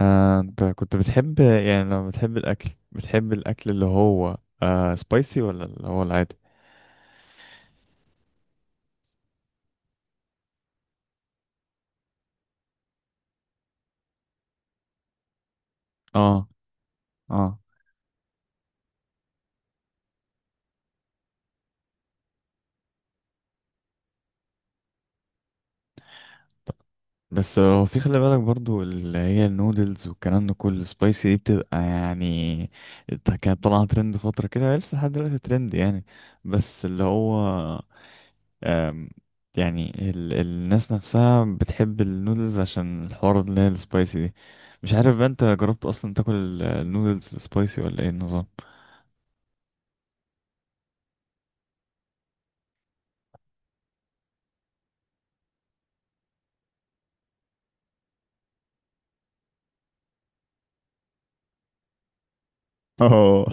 انت كنت بتحب، يعني لو بتحب الاكل، بتحب الاكل اللي هو سبايسي ولا اللي هو العادي؟ اه. اه. بس هو في، خلي بالك برضو، اللي هي النودلز والكلام ده كله سبايسي دي بتبقى يعني كانت طالعة ترند فترة كده، هي لسه لحد دلوقتي ترند يعني. بس اللي هو آم، يعني الناس نفسها بتحب النودلز عشان الحوار اللي هي السبايسي دي. مش عارف بقى، انت جربت اصلا تاكل النودلز السبايسي ولا ايه النظام؟ اه.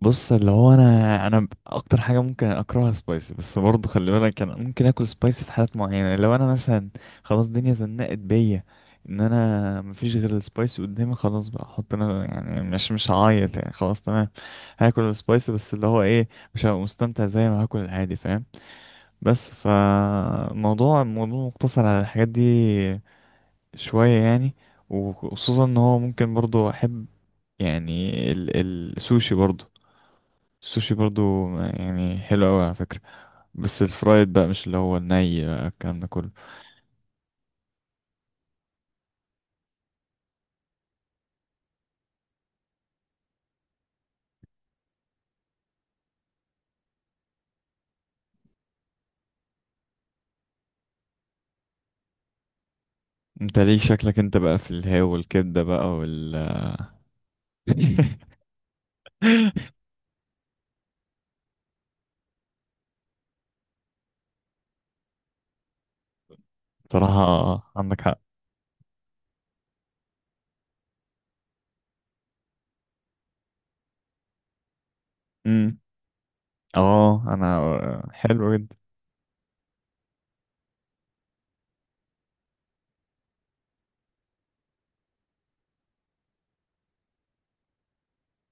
بص اللي هو، انا انا اكتر حاجه ممكن اكرهها سبايسي، بس برضه خلي بالك، انا ممكن اكل سبايسي في حالات معينه، لو انا مثلا خلاص الدنيا زنقت بيا، ان انا مفيش غير السبايسي قدامي، خلاص بقى احط انا، يعني مش هعيط يعني، خلاص تمام. هاكل السبايسي، بس اللي هو ايه، مش هبقى مستمتع زي ما هاكل العادي، فاهم؟ بس فالموضوع، الموضوع مقتصر على الحاجات دي شويه يعني، وخصوصا ان هو ممكن برضه احب يعني السوشي برضه، السوشي برضو يعني حلو قوي على فكرة، بس الفرايد بقى، مش اللي هو الني بقى الكلام ده كله. انت ليه شكلك انت بقى في الهاو والكبدة بقى وال... بصراحة عندك حق. امم. اه انا. حلو جدا.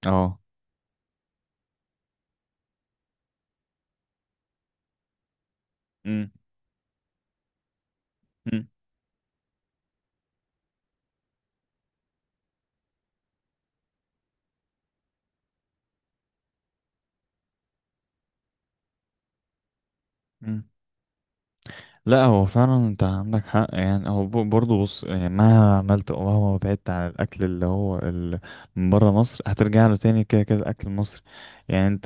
اه. امم. لا هو فعلا انت عندك حق يعني، هو برضه، بص يعني مهما عملت او مهما بعدت عن الاكل اللي هو من بره مصر، هترجع له تاني، كده كده الاكل المصري. يعني انت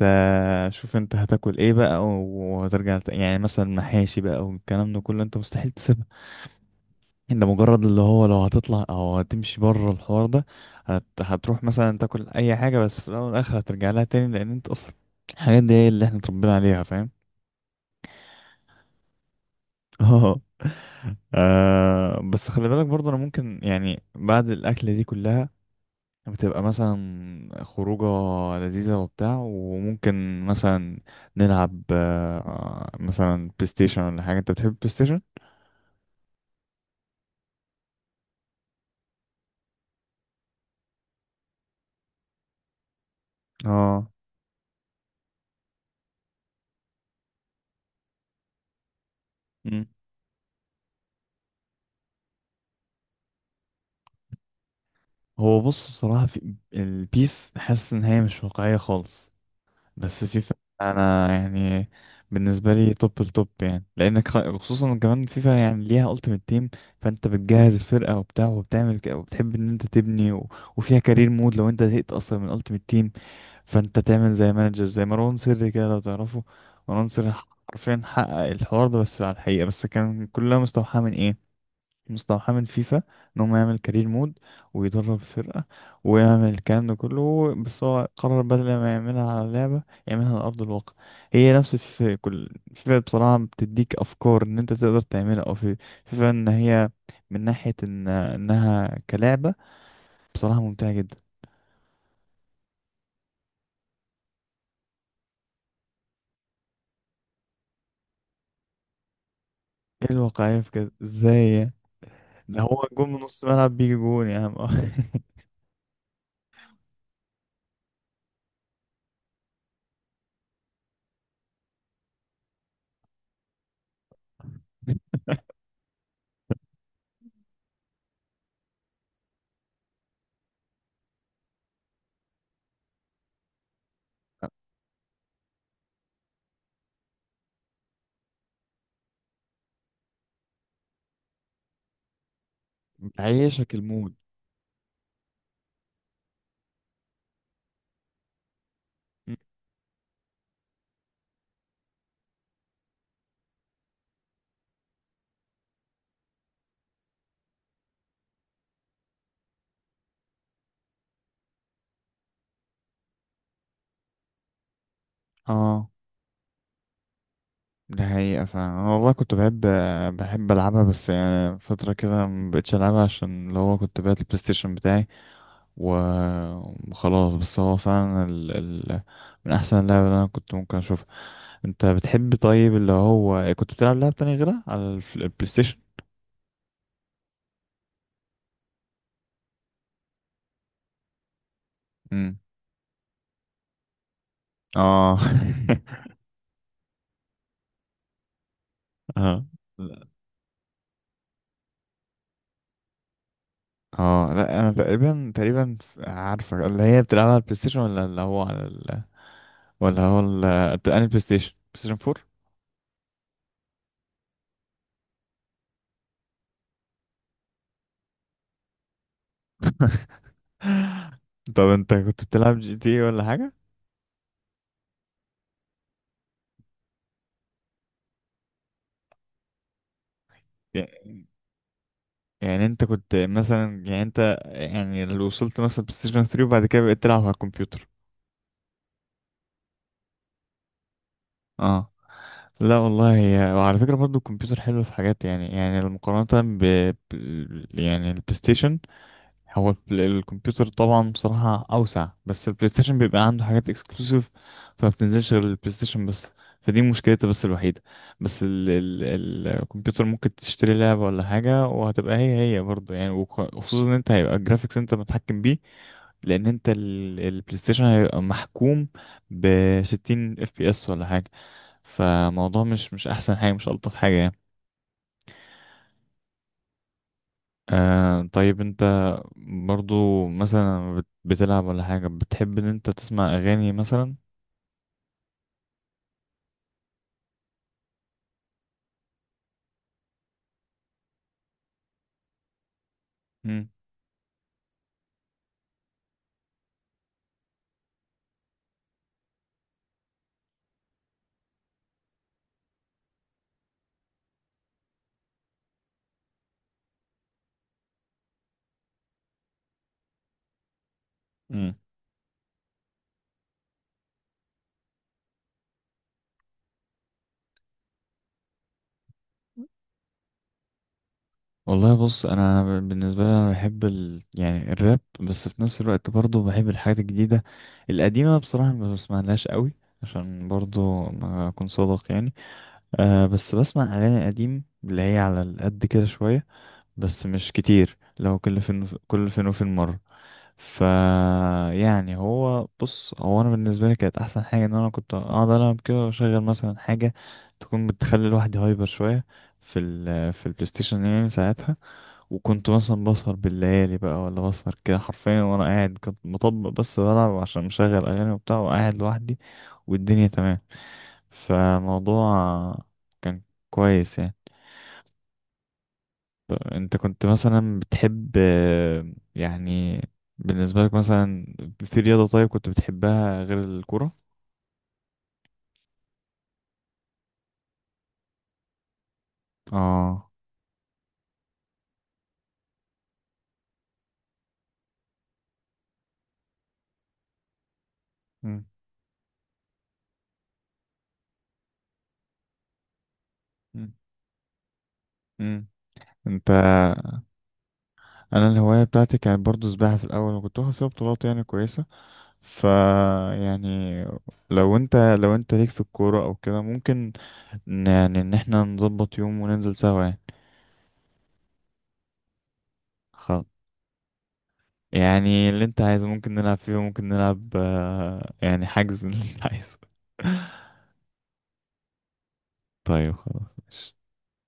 شوف انت هتاكل ايه بقى، يعني مثلا محاشي بقى والكلام ده كله، انت مستحيل تسيبها. انت مجرد اللي هو لو هتطلع او هتمشي بره الحوار ده، هتروح مثلا تاكل اي حاجه، بس في الاول والاخر هترجع لها تاني، لان انت اصلا الحاجات دي هي اللي احنا اتربينا عليها، فاهم؟ اه. بس خلي بالك برضه، انا ممكن يعني بعد الاكله دي كلها بتبقى مثلا خروجه لذيذه وبتاع، وممكن مثلا نلعب مثلا بلاي ستيشن ولا حاجه. انت بتحب بلاي ستيشن؟ اه. مم. هو بص، بصراحه في البيس حاسس ان هي مش واقعيه خالص، بس فيفا انا يعني بالنسبه لي توب التوب يعني، لانك خصوصا كمان فيفا يعني ليها التيمت تيم، فانت بتجهز الفرقه وبتاع، وبتعمل وبتحب ان انت تبني. و... وفيها كارير مود لو انت زهقت اصلا من التيمت تيم، فانت تعمل زي مانجر زي مروان سري كده لو تعرفه. مروان سري حرفيا حقق الحوار ده، بس على الحقيقه، بس كان كلها مستوحاه من ايه؟ مستوحاه من فيفا، ان هو يعمل كارير مود ويدرب فرقة ويعمل الكلام ده كله، بس هو قرر بدل ما يعملها على لعبة يعملها على أرض الواقع. هي نفس فيفا، كل فيفا بصراحة بتديك أفكار إن أنت تقدر تعملها، أو في فيفا إن هي من ناحية إن إنها كلعبة بصراحة ممتعة جدا. ايه الواقعية في كده، ازاي يعني؟ ده هو جون من نص ملعب بيجي جون يا عم. بيعيشك المود. اه. ده حقيقة فعلا، أنا والله كنت بحب، بحب ألعبها، بس يعني فترة كده مبقتش ألعبها، عشان اللي هو كنت بعت البلاي ستيشن بتاعي و- وخلاص. بس هو فعلا ال... ال... من أحسن اللعب اللي أنا كنت ممكن أشوفها. أنت بتحب طيب، اللي هو كنت بتلعب لعب تاني غيرها على البلاي ستيشن؟ امم. اه. اه. لا. اه لا، انا تقريبا، تقريبا عارفه اللي هي بتلعبها على البلاي ستيشن، ولا اللي هو على ولا هو البلاي، أنهي بلاي ستيشن، بلاي ستيشن 4؟ طب انت كنت بتلعب جي تي اي ولا حاجة؟ يعني، يعني انت كنت مثلا، يعني انت يعني لو وصلت مثلا بلاي ستيشن 3 وبعد كده بقيت تلعب على الكمبيوتر. اه. لا والله هي، وعلى فكرة برضو الكمبيوتر حلو في حاجات يعني، يعني المقارنة يعني البلاي ستيشن، هو الكمبيوتر طبعا بصراحة أوسع، بس البلاي ستيشن بيبقى عنده حاجات اكسكلوسيف، فما بتنزلش غير البلاي ستيشن بس، فدي مشكلتها بس الوحيدة. بس الكمبيوتر ممكن تشتري لعبة ولا حاجة وهتبقى هي برضه يعني، وخصوصا إن أنت هيبقى الجرافيكس أنت متحكم بيه، لأن أنت البلاي ستيشن هيبقى محكوم بستين اف بي اس ولا حاجة، فموضوع مش أحسن حاجة، مش ألطف حاجة يعني. آه طيب انت برضو مثلا بتلعب ولا حاجة، بتحب ان انت تسمع اغاني مثلا؟ مم. مم. والله بص، انا بالنسبة لي، انا بحب يعني الراب، بس في نفس الوقت برضو بحب الحاجات الجديدة. القديمة بصراحة ما بسمعلهاش قوي، عشان برضو ما اكون صادق يعني. آه بس بسمع اغاني قديم اللي هي على القد كده شوية، بس مش كتير، لو كل فين كل فين وفين مرة. ف، يعني هو بص، هو انا بالنسبه لي كانت احسن حاجه ان انا كنت اقعد العب كده، واشغل مثلا حاجه تكون بتخلي الواحد هايبر شويه، في في البلاي ستيشن يعني ساعتها. وكنت مثلا بسهر بالليالي بقى، ولا بسهر كده حرفيا وانا قاعد، كنت مطبق بس بلعب، عشان مشغل اغاني وبتاع وقاعد لوحدي، والدنيا تمام. فالموضوع كان كويس يعني. انت كنت مثلا بتحب يعني بالنسبة لك مثلا، في رياضة طيب كنت بتحبها غير الكورة؟ اه. مم. مم. مم. انت، انا الهواية بتاعتي كانت برضو سباحة في الاول، وكنت واخد فيها بطولات يعني كويسة. ف، يعني لو انت، لو انت ليك في الكورة او كده، ممكن يعني ان احنا نظبط يوم وننزل سوا يعني. خلاص، يعني اللي انت عايزه، ممكن نلعب فيه، ممكن نلعب يعني حجز، اللي انت عايزه. طيب خلاص، ماشي.